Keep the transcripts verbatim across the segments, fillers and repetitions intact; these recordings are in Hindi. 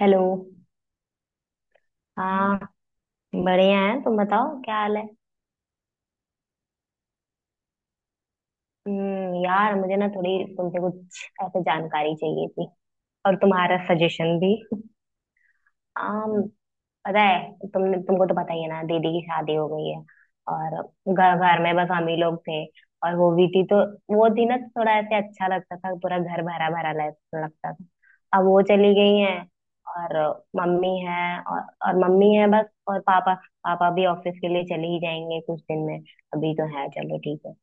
हेलो। हाँ, बढ़िया है। तुम बताओ क्या हाल है। हम्म यार मुझे ना थोड़ी तुमसे कुछ ऐसे जानकारी चाहिए थी और तुम्हारा सजेशन भी। हाँ, पता है तुमने तुमको तो पता ही है ना दीदी की शादी हो गई है। और घर घर में बस हम ही लोग थे। और वो भी थी तो वो थी ना, थोड़ा ऐसे अच्छा लगता था, पूरा घर भरा भरा लग- लगता था। अब वो चली गई हैं। और मम्मी है और, और मम्मी है बस, और पापा। पापा भी ऑफिस के लिए चले ही जाएंगे कुछ दिन में। अभी तो है, चलो ठीक है।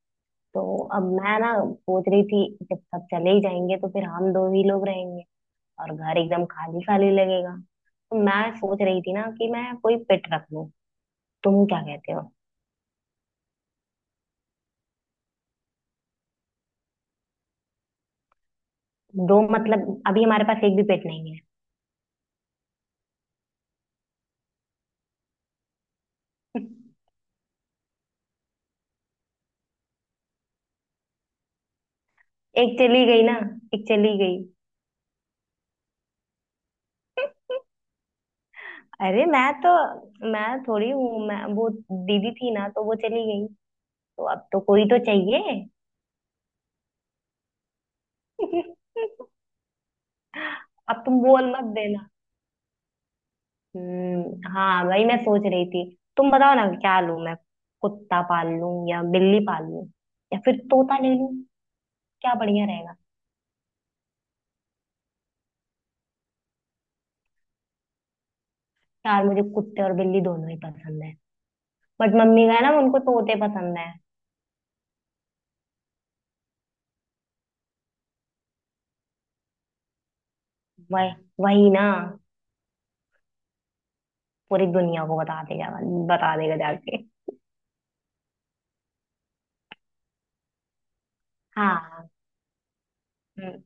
तो अब मैं ना सोच रही थी जब सब चले ही जाएंगे तो फिर हम दो ही लोग रहेंगे और घर एकदम खाली खाली लगेगा। तो मैं सोच रही थी ना कि मैं कोई पेट रख लूं। तुम क्या कहते हो। दो मतलब अभी हमारे पास एक भी पेट नहीं है। एक चली गई ना। एक चली गई। अरे मैं तो, मैं थोड़ी हूँ मैं वो, दीदी थी ना तो वो चली गई। तो अब तो कोई तो चाहिए। अब तुम बोल मत देना। हम्म हाँ वही मैं सोच रही थी। तुम बताओ ना क्या लूं मैं, कुत्ता पाल लूं या बिल्ली पाल लूं या फिर तोता ले लूं। क्या बढ़िया। यार मुझे कुत्ते और बिल्ली दोनों ही पसंद है, बट मम्मी का है ना उनको तोते पसंद है। वही। वही ना। पूरी दुनिया को बता देगा, बता देगा जाके। हाँ। हम्म।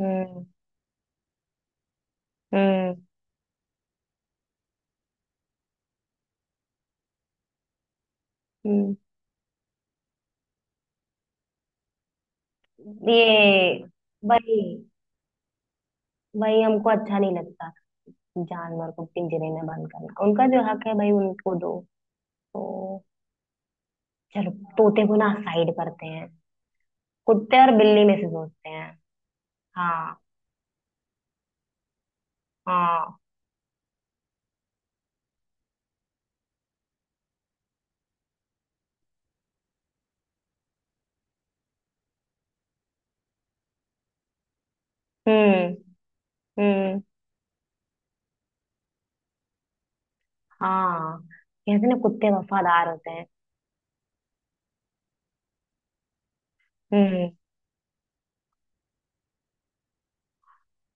हम्म। हम्म। हम्म। ये। वही। वही हमको अच्छा नहीं लगता, जानवर को पिंजरे में बंद करना, उनका जो हक है भाई उनको दो। तो चलो तोते को ना साइड करते हैं, कुत्ते और बिल्ली में से सोचते हैं। हाँ। हाँ। हम्म। हम्म। हाँ कहते हैं ना कुत्ते वफादार होते हैं। हम्म।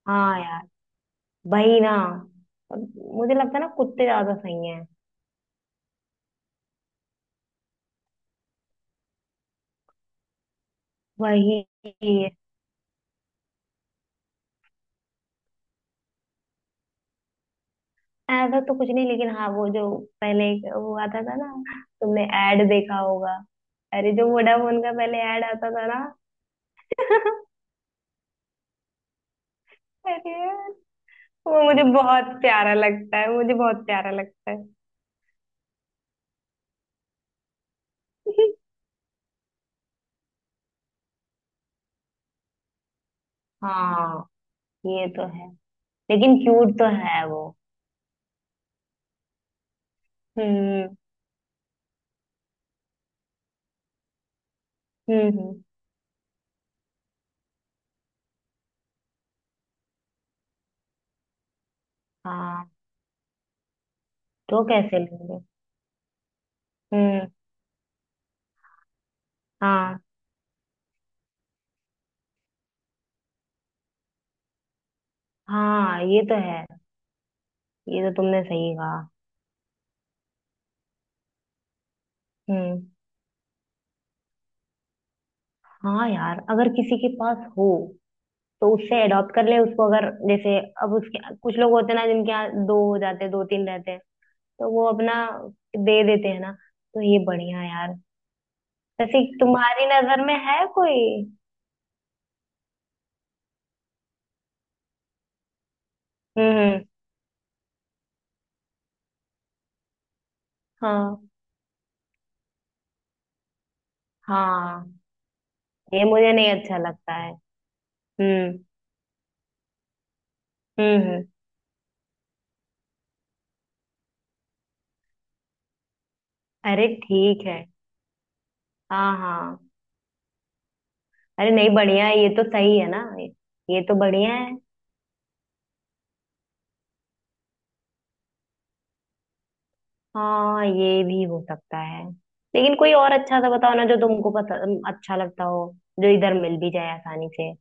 हाँ यार, वही ना। मुझे लगता है ना कुत्ते ज्यादा सही हैं। वही। ऐसा तो कुछ नहीं लेकिन हाँ वो जो पहले एक वो आता था ना, तुमने एड देखा होगा। अरे जो वोडाफोन का पहले एड आता था ना। अरे यार, वो मुझे बहुत प्यारा लगता है, मुझे बहुत प्यारा लगता है। हाँ ये तो है। लेकिन क्यूट तो है वो। हम्म। हम्म। हम्म, हाँ। तो कैसे लेंगे। हम्म। हाँ हाँ ये तो है। ये तो तुमने सही कहा। हम्म। हाँ यार, अगर किसी के पास हो तो उससे अडॉप्ट कर ले उसको। अगर जैसे अब उसके कुछ लोग होते हैं ना जिनके यहाँ दो हो जाते हैं, दो तीन रहते हैं, तो वो अपना दे देते हैं ना। तो ये बढ़िया है यार। वैसे तुम्हारी नजर में है कोई। हम्म। हाँ। हाँ ये मुझे नहीं अच्छा लगता है। हम्म। हम्म। हम्म। अरे ठीक है। हाँ हाँ। अरे नहीं बढ़िया है, ये तो सही है ना। ये तो बढ़िया है। हाँ ये भी हो सकता है। लेकिन कोई और अच्छा सा बताओ ना जो तुमको पसंद, अच्छा लगता हो, जो इधर मिल भी जाए आसानी से।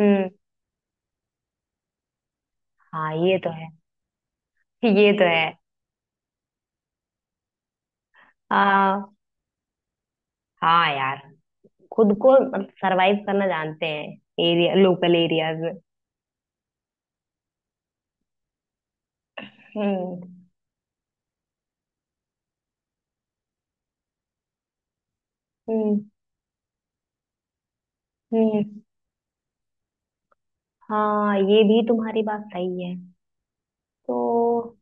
हम्म। हाँ ये तो है। ये तो है। हाँ। हाँ यार, खुद को सरवाइव करना जानते हैं, एरिया, लोकल एरियाज में। हम्म। हम्म। हम्म। हाँ ये भी तुम्हारी बात सही है। तो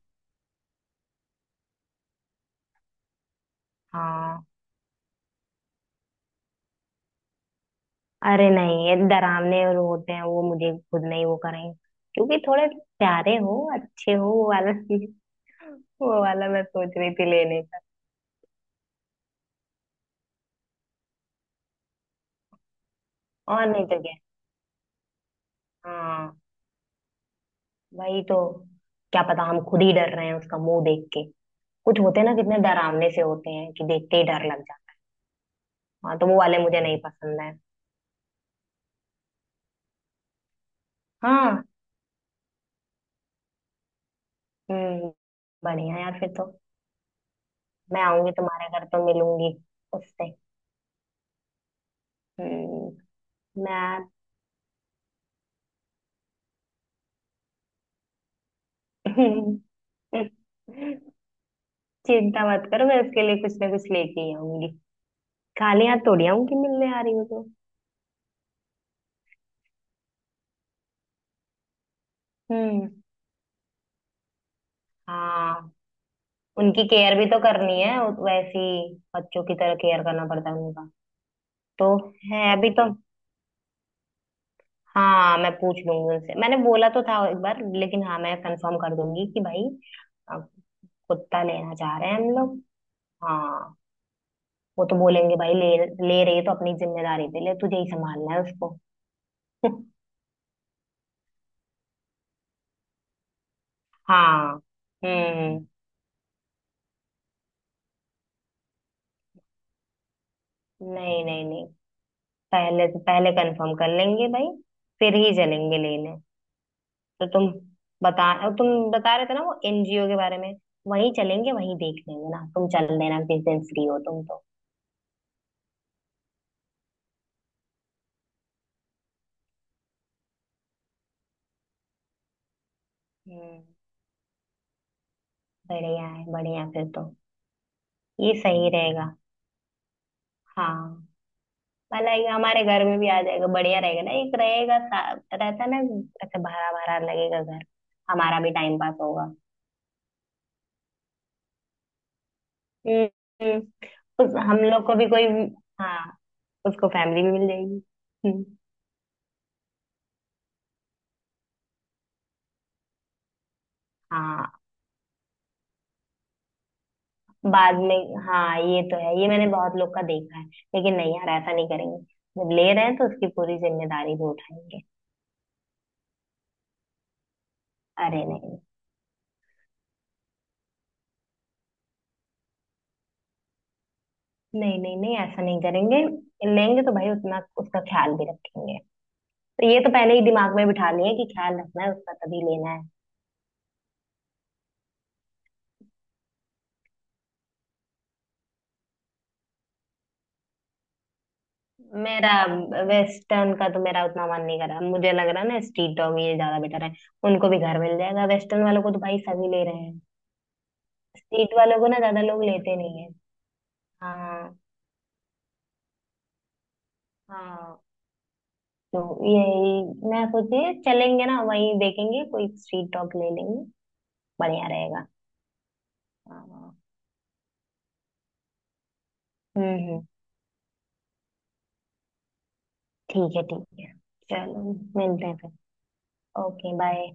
हाँ, अरे नहीं ये डरावने और होते हैं वो, मुझे खुद नहीं, वो करेंगे क्योंकि थोड़े प्यारे हो अच्छे हो वो वाला, वो वाला मैं सोच रही थी लेने का। और नहीं तो क्या। हाँ। वही तो। क्या पता हम खुद ही डर रहे हैं उसका मुंह देख के। कुछ होते हैं ना, कितने डरावने से होते हैं कि देखते ही डर लग जाता है। हाँ तो वो वाले मुझे नहीं पसंद है। हाँ। हम्म। बढ़िया यार फिर तो। मैं आऊंगी तुम्हारे घर तो मिलूंगी उससे। हम्म। मैं चिंता मत करो, मैं उसके लिए कुछ ना कुछ लेके ही आऊंगी। खाली हाथ थोड़ी आऊंगी मिलने आ रही हो तो। हम्म। हाँ। उनकी केयर भी तो करनी है, उ- वैसे ही बच्चों की तरह केयर करना पड़ता है उनका। तो है अभी तो। हाँ मैं पूछ लूंगी उनसे, मैंने बोला तो था एक बार लेकिन हाँ मैं कंफर्म कर दूंगी कि भाई अ, कुत्ता लेना चाह रहे हैं हम लोग। हाँ वो तो बोलेंगे भाई ले। ले रही है तो अपनी जिम्मेदारी पे ले, तुझे ही संभालना है उसको। हाँ। हम्म। नहीं नहीं नहीं, पहले पहले कंफर्म कर लेंगे भाई, फिर ही चलेंगे लेने। तो तुम बता, तुम बता रहे थे ना वो एनजीओ के बारे में, वहीं चलेंगे वहीं देख लेंगे ना। तुम चल देना जिस दिन फ्री हो तुम तो। हम्म। बढ़िया है, बढ़िया फिर तो। ये सही रहेगा। हाँ भला, ये हमारे घर में भी आ जाएगा, बढ़िया रहेगा ना, एक रहेगा सा- रहता है ना, ऐसे भरा भरा लगेगा घर। हमारा भी टाइम पास होगा। हम्म। हम्म। उस हम लोग को भी कोई, हाँ, उसको फैमिली भी मिल जाएगी। हम्म, हाँ। बाद में। हाँ ये तो है, ये मैंने बहुत लोग का देखा है। लेकिन नहीं यार ऐसा नहीं करेंगे, जब ले रहे हैं तो उसकी पूरी जिम्मेदारी भी उठाएंगे। अरे नहीं नहीं नहीं नहीं ऐसा नहीं करेंगे, लेंगे तो भाई उतना उसका ख्याल भी रखेंगे। तो ये तो पहले ही दिमाग में बिठा लिए कि ख्याल रखना है उसका तभी लेना है। मेरा, वेस्टर्न का तो मेरा उतना मन नहीं कर रहा, मुझे लग रहा है ना स्ट्रीट डॉग ये ज्यादा बेटर है। उनको भी घर मिल जाएगा, वेस्टर्न वालों को तो भाई सभी ले रहे हैं, स्ट्रीट वालों को ना ज्यादा लोग लेते नहीं है। हाँ। हाँ तो यही मैं सोची, चलेंगे ना वहीं देखेंगे कोई स्ट्रीट डॉग ले लेंगे। बढ़िया रहेगा। हाँ। हम्म। हम्म। ठीक है ठीक है। चलो मिलते हैं फिर। Okay, bye.